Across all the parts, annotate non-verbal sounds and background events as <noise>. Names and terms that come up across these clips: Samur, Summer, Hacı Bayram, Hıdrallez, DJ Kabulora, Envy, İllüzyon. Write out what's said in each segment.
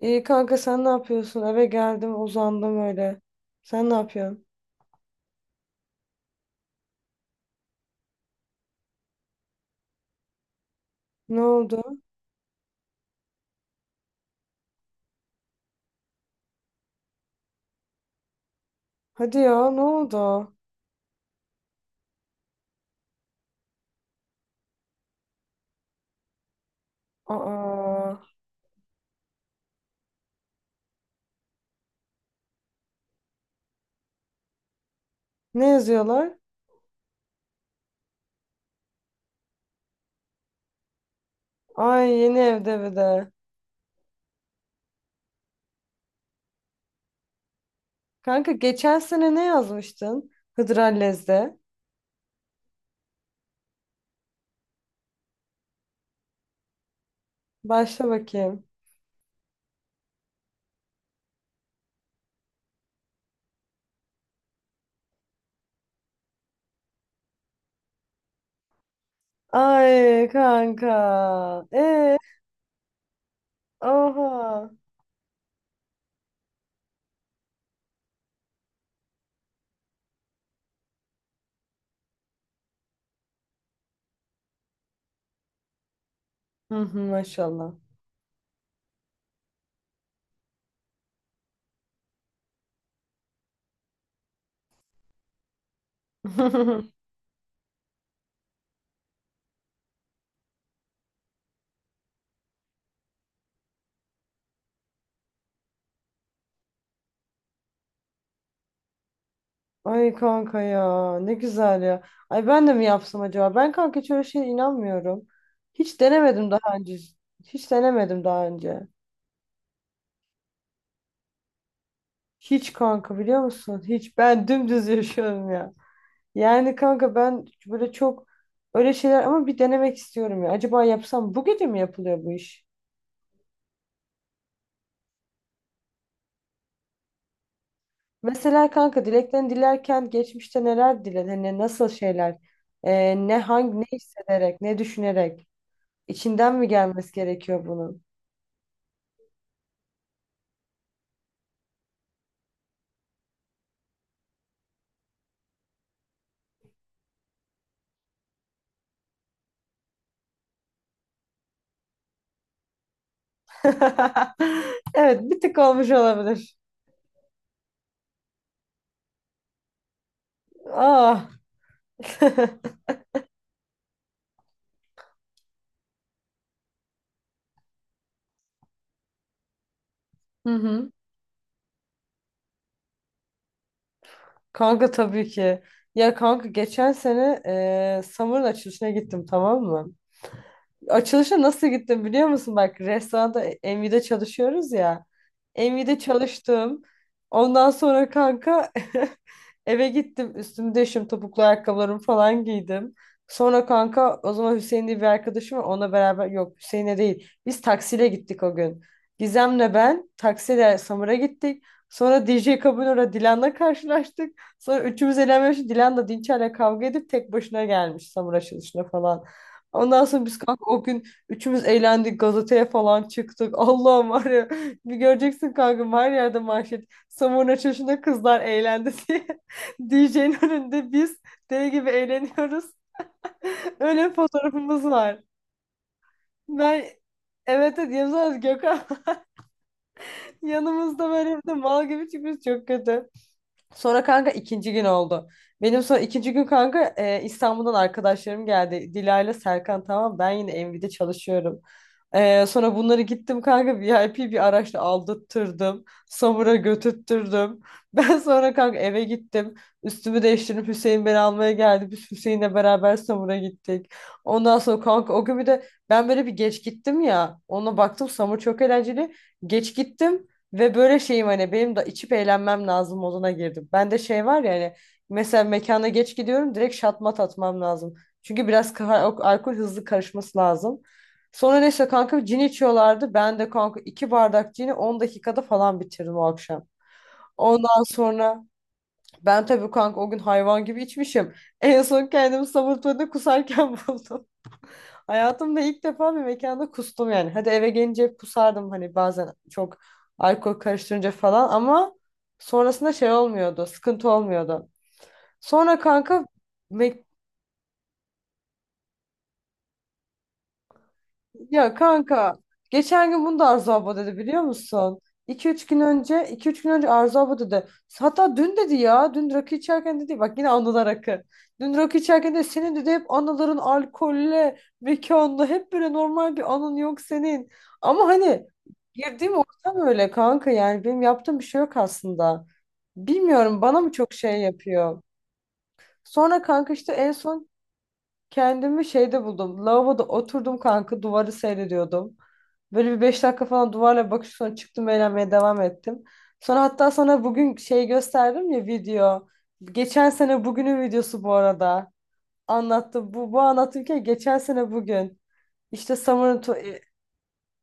İyi kanka sen ne yapıyorsun? Eve geldim uzandım öyle. Sen ne yapıyorsun? Ne oldu? Hadi ya ne oldu? Aa, ne yazıyorlar? Ay yeni evde bir de. Kanka geçen sene ne yazmıştın? Hıdrallez'de. Başla bakayım. Ay kanka. E, Oha. Hı hı, maşallah. <laughs> Ay kanka ya ne güzel ya. Ay ben de mi yapsam acaba? Ben kanka hiç öyle şeye inanmıyorum. Hiç denemedim daha önce. Hiç denemedim daha önce. Hiç kanka biliyor musun? Hiç ben dümdüz yaşıyorum ya. Yani kanka ben böyle çok öyle şeyler ama bir denemek istiyorum ya. Acaba yapsam bu gece mi yapılıyor bu iş? Mesela kanka dileklerini dilerken geçmişte neler diledin? Hani nasıl şeyler? Ne hangi ne hissederek, ne düşünerek? İçinden mi gelmesi gerekiyor bunun? <laughs> Evet, bir tık olmuş olabilir. Ah. <laughs> Hı hı. Kanka tabii ki. Ya kanka geçen sene Summer'ın açılışına gittim tamam mı? Açılışa nasıl gittim biliyor musun? Bak restoranda Envy'de çalışıyoruz ya. Envy'de çalıştım. Ondan sonra kanka <laughs> eve gittim. Üstümü değiştim. Topuklu ayakkabılarımı falan giydim. Sonra kanka o zaman Hüseyin diye bir arkadaşım var. Onunla beraber yok Hüseyin'e değil. Biz taksiyle gittik o gün. Gizem'le ben taksiyle Samur'a gittik. Sonra DJ Kabulora Dilan'la karşılaştık. Sonra üçümüz eğlenmeye başladık. Dilan da Dinçer'le kavga edip tek başına gelmiş Samur açılışına falan. Ondan sonra biz kanka o gün üçümüz eğlendik gazeteye falan çıktık. Allah'ım var ya bir göreceksin kanka her yerde manşet. Samurun açılışında kızlar eğlendi diye. <laughs> DJ'nin önünde biz deli gibi eğleniyoruz. <laughs> Öyle bir fotoğrafımız var. Ben evet evet yanımızda Gökhan <laughs> yanımızda böyle bir de mal gibi çıkmış çok kötü. Sonra kanka ikinci gün oldu. Benim sonra ikinci gün kanka İstanbul'dan arkadaşlarım geldi. Dilayla Serkan tamam ben yine Envy'de çalışıyorum. Sonra bunları gittim kanka VIP bir araçla aldırttırdım. Samur'a götürttürdüm. <laughs> Ben sonra kanka eve gittim. Üstümü değiştirip Hüseyin beni almaya geldi. Biz Hüseyin'le beraber Samur'a gittik. Ondan sonra kanka o gün bir de ben böyle bir geç gittim ya. Ona baktım Samur çok eğlenceli. Geç gittim. Ve böyle şeyim hani benim de içip eğlenmem lazım moduna girdim. Ben de şey var ya hani mesela mekana geç gidiyorum direkt şatmat atmam lazım. Çünkü biraz alkol hızlı karışması lazım. Sonra neyse kanka cin içiyorlardı. Ben de kanka iki bardak cini 10 dakikada falan bitirdim o akşam. Ondan sonra ben tabii kanka o gün hayvan gibi içmişim. En son kendimi sabun tuvaletinde kusarken <laughs> buldum. Hayatımda ilk defa bir mekanda kustum yani. Hadi eve gelince kusardım hani bazen çok alkol karıştırınca falan ama sonrasında şey olmuyordu, sıkıntı olmuyordu. Sonra kanka me Ya kanka geçen gün bunu da Arzu abla dedi biliyor musun? 2 üç gün önce iki üç gün önce Arzu abla dedi. Hatta dün dedi ya dün rakı içerken dedi bak yine anılar rakı. Dün rakı içerken de senin dedi hep anıların alkolle mekanla hep böyle normal bir anın yok senin. Ama hani girdiğim ortam öyle kanka yani benim yaptığım bir şey yok aslında. Bilmiyorum bana mı çok şey yapıyor. Sonra kanka işte en son kendimi şeyde buldum. Lavaboda oturdum kanka duvarı seyrediyordum. Böyle bir 5 dakika falan duvarla bakış sonra çıktım eğlenmeye devam ettim. Sonra hatta sana bugün şey gösterdim ya video. Geçen sene bugünün videosu bu arada. Anlattım. Bu anlatırken geçen sene bugün. İşte Summer'ın...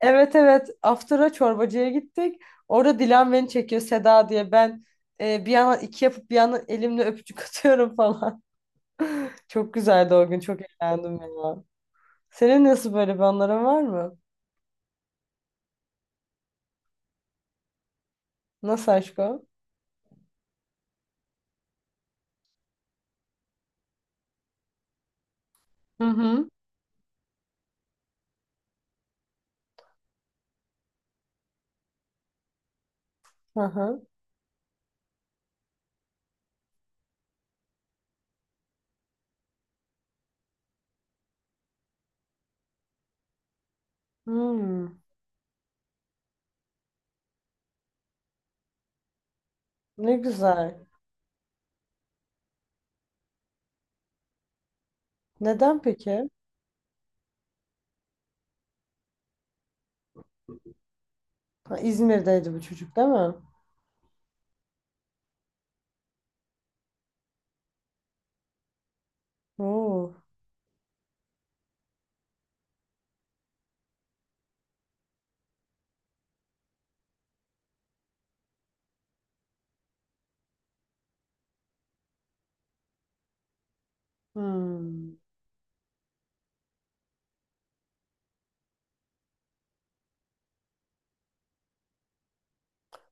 Evet evet After'a çorbacıya gittik. Orada Dilan beni çekiyor Seda diye. Ben bir yandan iki yapıp bir yandan elimle öpücük atıyorum falan. <laughs> Çok güzeldi o gün. Çok eğlendim ya. Senin nasıl böyle bir anların var mı? Nasıl aşk o? Hı hı. Hı hı. Hmm, ne güzel. Neden peki? Ha, İzmir'deydi bu çocuk değil mi? Oo. Hmm.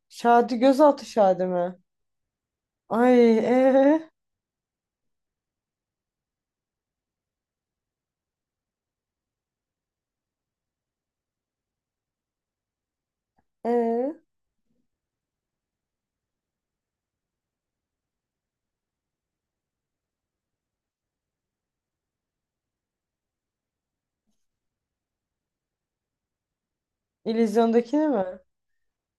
Şadi gözaltı Şadi mi? Ay ee. İllüzyondakini mi?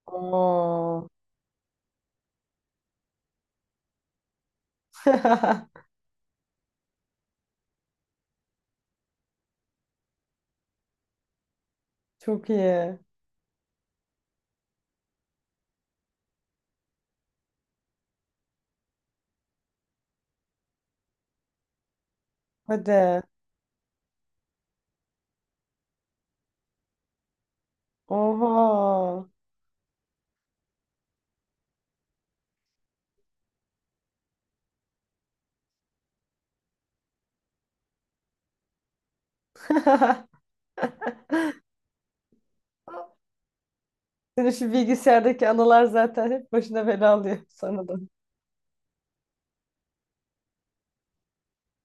Oo. <laughs> Çok iyi. Hadi. Oha. <laughs> Senin şu bilgisayardaki anılar zaten hep başına bela alıyor sana da.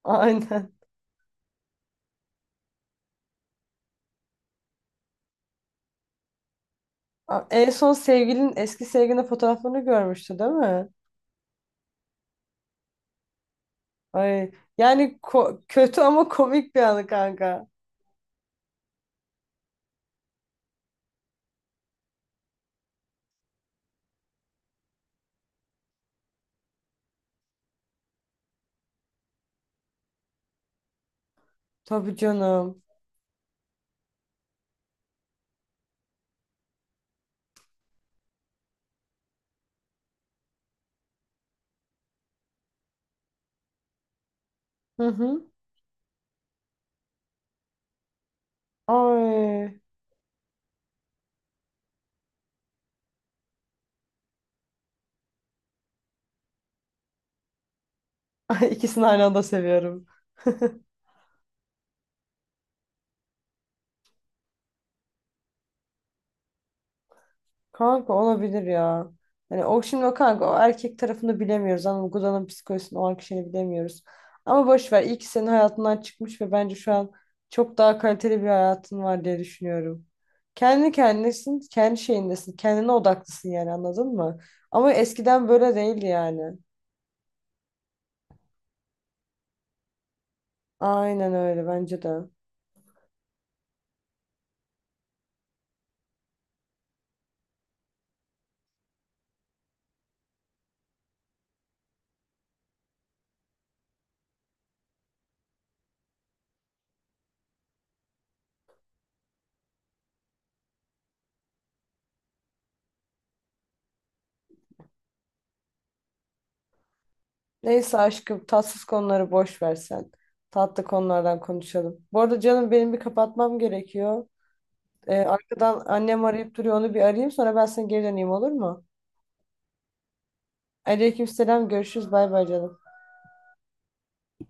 Aynen. Aa, en son sevgilin eski sevgilinin fotoğraflarını görmüştü değil mi? Ay, yani kötü ama komik bir anı kanka. Tabii canım. Hı hı. Ay. <laughs> Ay, ikisini aynı anda seviyorum. <laughs> Kanka olabilir ya. Yani o şimdi o kanka o erkek tarafını bilemiyoruz. Anladın mı? Gudan'ın psikolojisini o an kişinin bilemiyoruz. Ama boş ver. İyi ki senin hayatından çıkmış ve bence şu an çok daha kaliteli bir hayatın var diye düşünüyorum. Kendi kendisin, kendi şeyindesin. Kendine odaklısın yani anladın mı? Ama eskiden böyle değildi yani. Aynen öyle bence de. Neyse aşkım tatsız konuları boş ver sen. Tatlı konulardan konuşalım. Bu arada canım benim bir kapatmam gerekiyor. Arkadan annem arayıp duruyor onu bir arayayım sonra ben sana geri döneyim olur mu? Aleykümselam görüşürüz bay bay canım.